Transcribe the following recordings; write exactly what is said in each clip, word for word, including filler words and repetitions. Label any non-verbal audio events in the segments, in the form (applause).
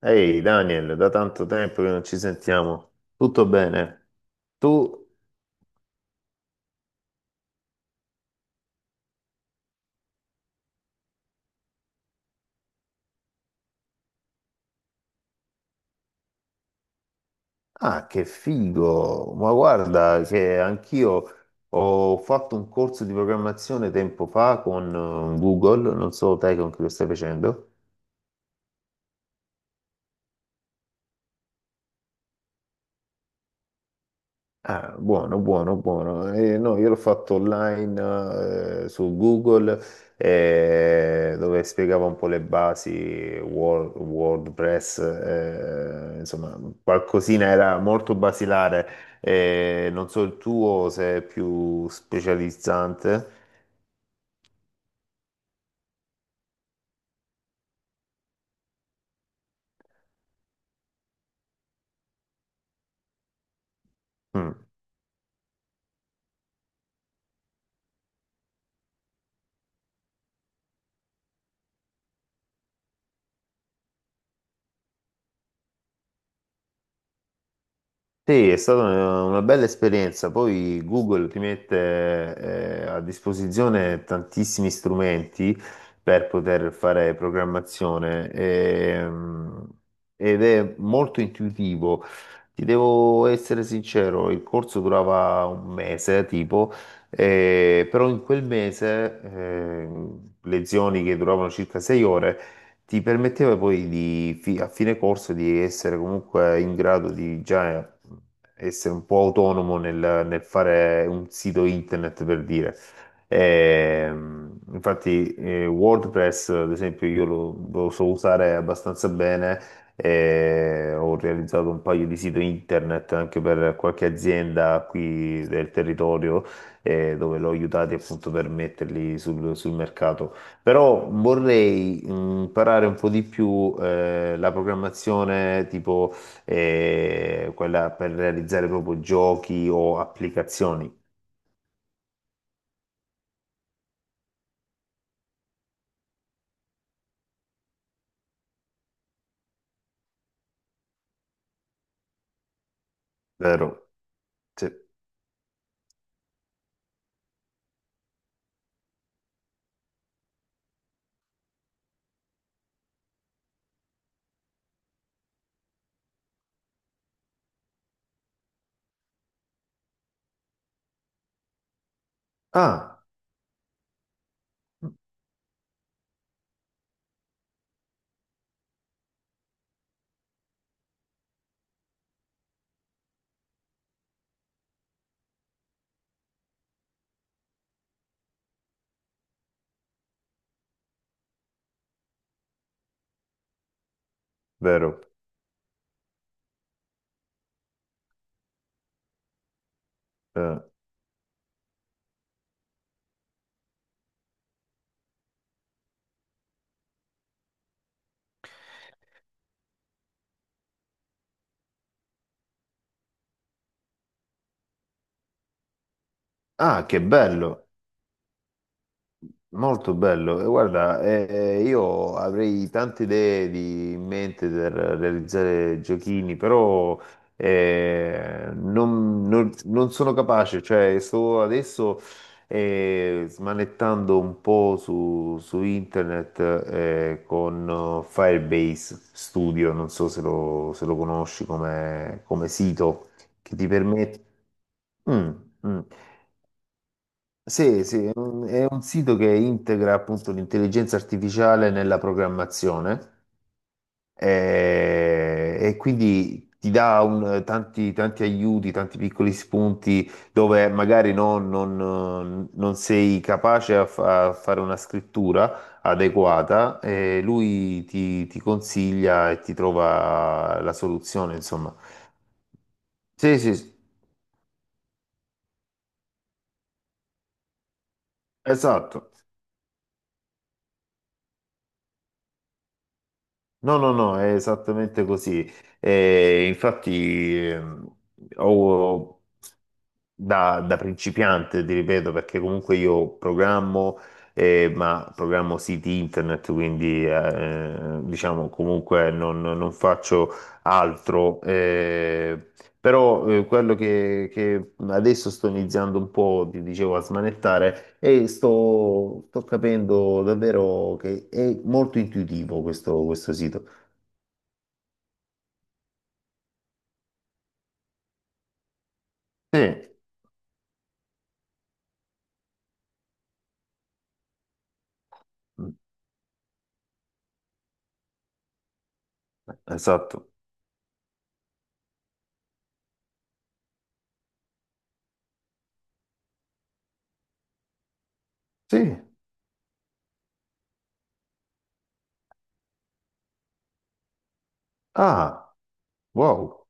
Ehi Daniel, da tanto tempo che non ci sentiamo. Tutto bene? Tu? Ah, che figo! Ma guarda che anch'io ho fatto un corso di programmazione tempo fa con eh, Google, non so te con chi lo stai facendo. Ah, buono, buono, buono. Eh, no, io l'ho fatto online eh, su Google eh, dove spiegava un po' le basi Word- WordPress, eh, insomma, qualcosina era molto basilare. Eh, non so il tuo se è più specializzante. Mm. Sì, è stata una una bella esperienza. Poi Google ti mette eh, a disposizione tantissimi strumenti per poter fare programmazione ehm, Ed è molto intuitivo. Ti devo essere sincero, il corso durava un mese, tipo, eh, Però in quel mese, ehm, lezioni che duravano circa sei ore, ti permetteva poi di, fi- a fine corso di essere comunque in grado di già eh, essere un po' autonomo nel, nel fare un sito internet per dire. Ehm, infatti, eh, WordPress, ad esempio, io lo, lo so usare abbastanza bene. E ho realizzato un paio di siti internet anche per qualche azienda qui del territorio eh, dove l'ho aiutati appunto per metterli sul sul mercato. Però vorrei mh, imparare un po' di più eh, la programmazione tipo eh, quella per realizzare proprio giochi o applicazioni, vero? Sì. Ah, vero. Eh, Ah, che bello. Molto bello, e guarda, eh, io avrei tante idee di- in mente per realizzare giochini, però eh, non, non- non sono capace, cioè sto adesso eh, smanettando un po' su, su internet eh, con eh, Firebase Studio, non so se lo, se lo conosci come, come sito che ti permette... Mm, mm. Sì, sì, è un è un sito che integra appunto l'intelligenza artificiale nella programmazione eh, e, quindi ti dà un- tanti, tanti aiuti, tanti piccoli spunti dove magari no, non, non sei capace a, fa- a fare una scrittura adeguata e lui ti, ti consiglia e ti trova la soluzione, insomma. Sì, sì, sì, esatto. No, no, no, è esattamente così. Eh, infatti, ehm, ho, da, Da principiante, ti ripeto, perché comunque io programmo, eh, ma programmo siti internet, quindi eh, diciamo comunque non, non faccio altro. Eh, però eh, Quello che, che adesso sto iniziando un po', ti dicevo, a smanettare e sto, sto capendo davvero che è molto intuitivo questo, questo sito. Sì, mm, esatto. Sì. Ah, wow.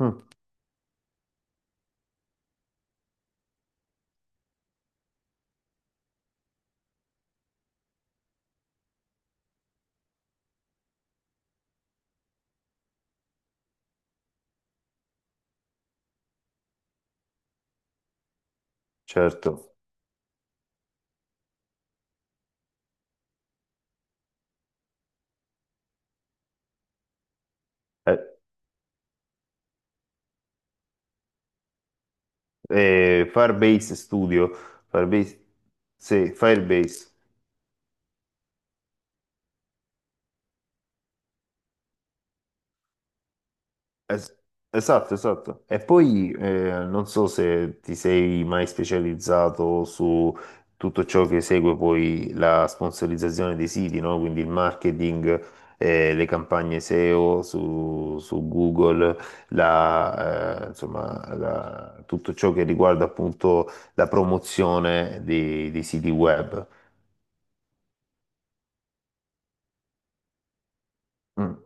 Mm, certo. Eh, eh, Firebase Studio. Firebase. Sì, Firebase. Es- esatto, esatto. E poi eh, non so se ti sei mai specializzato su tutto ciò che segue poi la sponsorizzazione dei siti, no? Quindi il marketing, eh, le campagne seo su, su Google, la, eh, insomma, la- tutto ciò che riguarda appunto la promozione dei, dei siti web. Mm.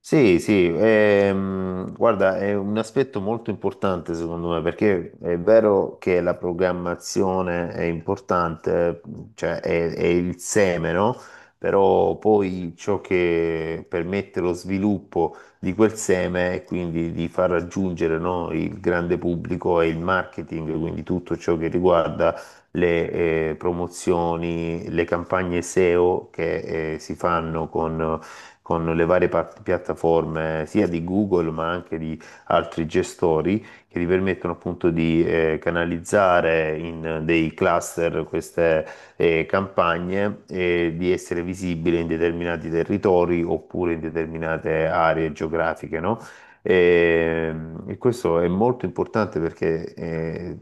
Sì, sì, ehm, guarda, è un aspetto molto importante secondo me, perché è vero che la programmazione è importante, cioè è, è il seme, no? Però poi ciò che permette lo sviluppo di quel seme e quindi di far raggiungere, no, il grande pubblico è il marketing, quindi tutto ciò che riguarda le eh, promozioni, le campagne seo che eh, si fanno con con le varie part- piattaforme sia di Google ma anche di altri gestori che ti permettono appunto di eh, canalizzare in dei cluster queste eh, campagne e di essere visibile in determinati territori oppure in determinate aree geografiche, no? E, e questo è molto importante perché eh,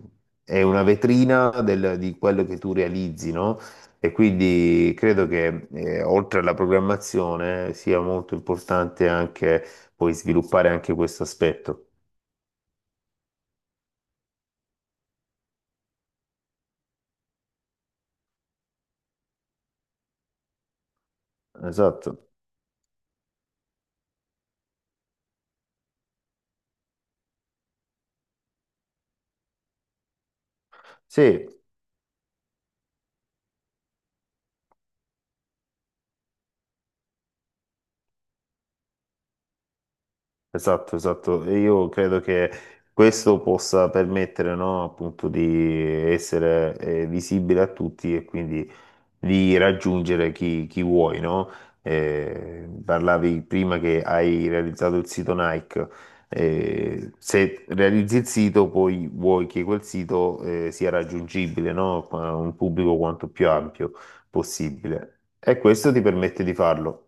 è una vetrina del- di quello che tu realizzi, no? E quindi credo che eh, oltre alla programmazione sia molto importante anche poi sviluppare anche questo aspetto. Esatto. Sì, esatto, esatto. E io credo che questo possa permettere, no, appunto di essere eh, visibile a tutti e quindi di raggiungere chi, chi vuoi, no? Eh, parlavi prima che hai realizzato il sito Nike. Eh, se realizzi il sito, poi vuoi che quel sito eh, sia raggiungibile, no? A un pubblico quanto più ampio possibile. E questo ti permette di farlo.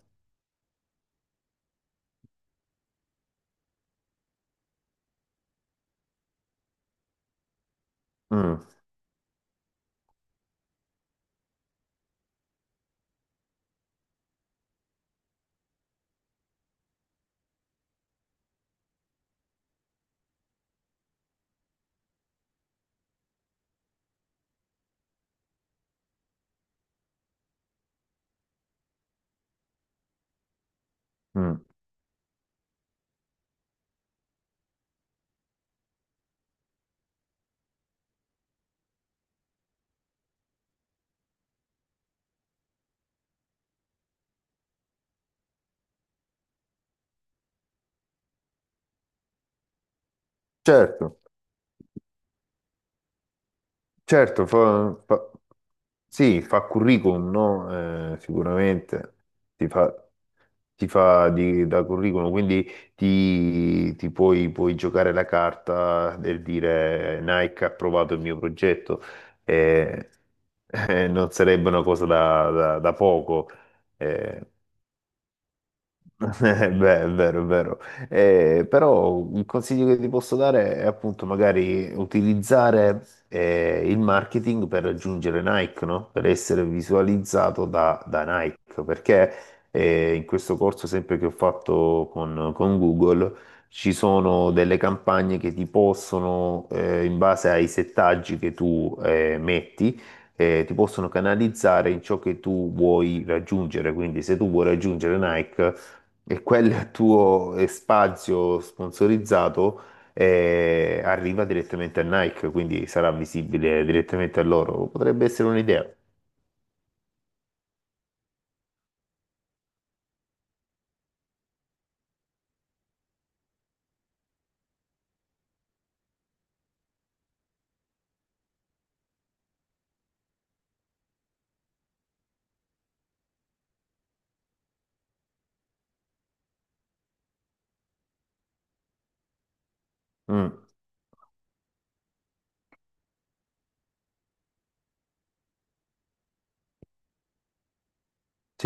Mm, mm. Certo. Certo, fa, fa- sì, fa curriculum, no? Eh, sicuramente ti fa, ti fa di- da curriculum, quindi ti, ti puoi, puoi giocare la carta del dire Nike ha approvato il mio progetto, eh, (laughs) eh, non sarebbe una cosa da, da- da poco. eh, eh, Beh, è vero, è vero. Eh, però il consiglio che ti posso dare è appunto magari utilizzare eh, il marketing per raggiungere Nike, no? Per essere visualizzato da, da Nike, perché eh, in questo corso sempre che ho fatto con, con Google ci sono delle campagne che ti possono, eh, in base ai settaggi che tu eh, metti, eh, ti possono canalizzare in ciò che tu vuoi raggiungere. Quindi se tu vuoi raggiungere Nike e quel tuo eh, spazio sponsorizzato eh, arriva direttamente a Nike, quindi sarà visibile direttamente a loro. Potrebbe essere un'idea. Mm.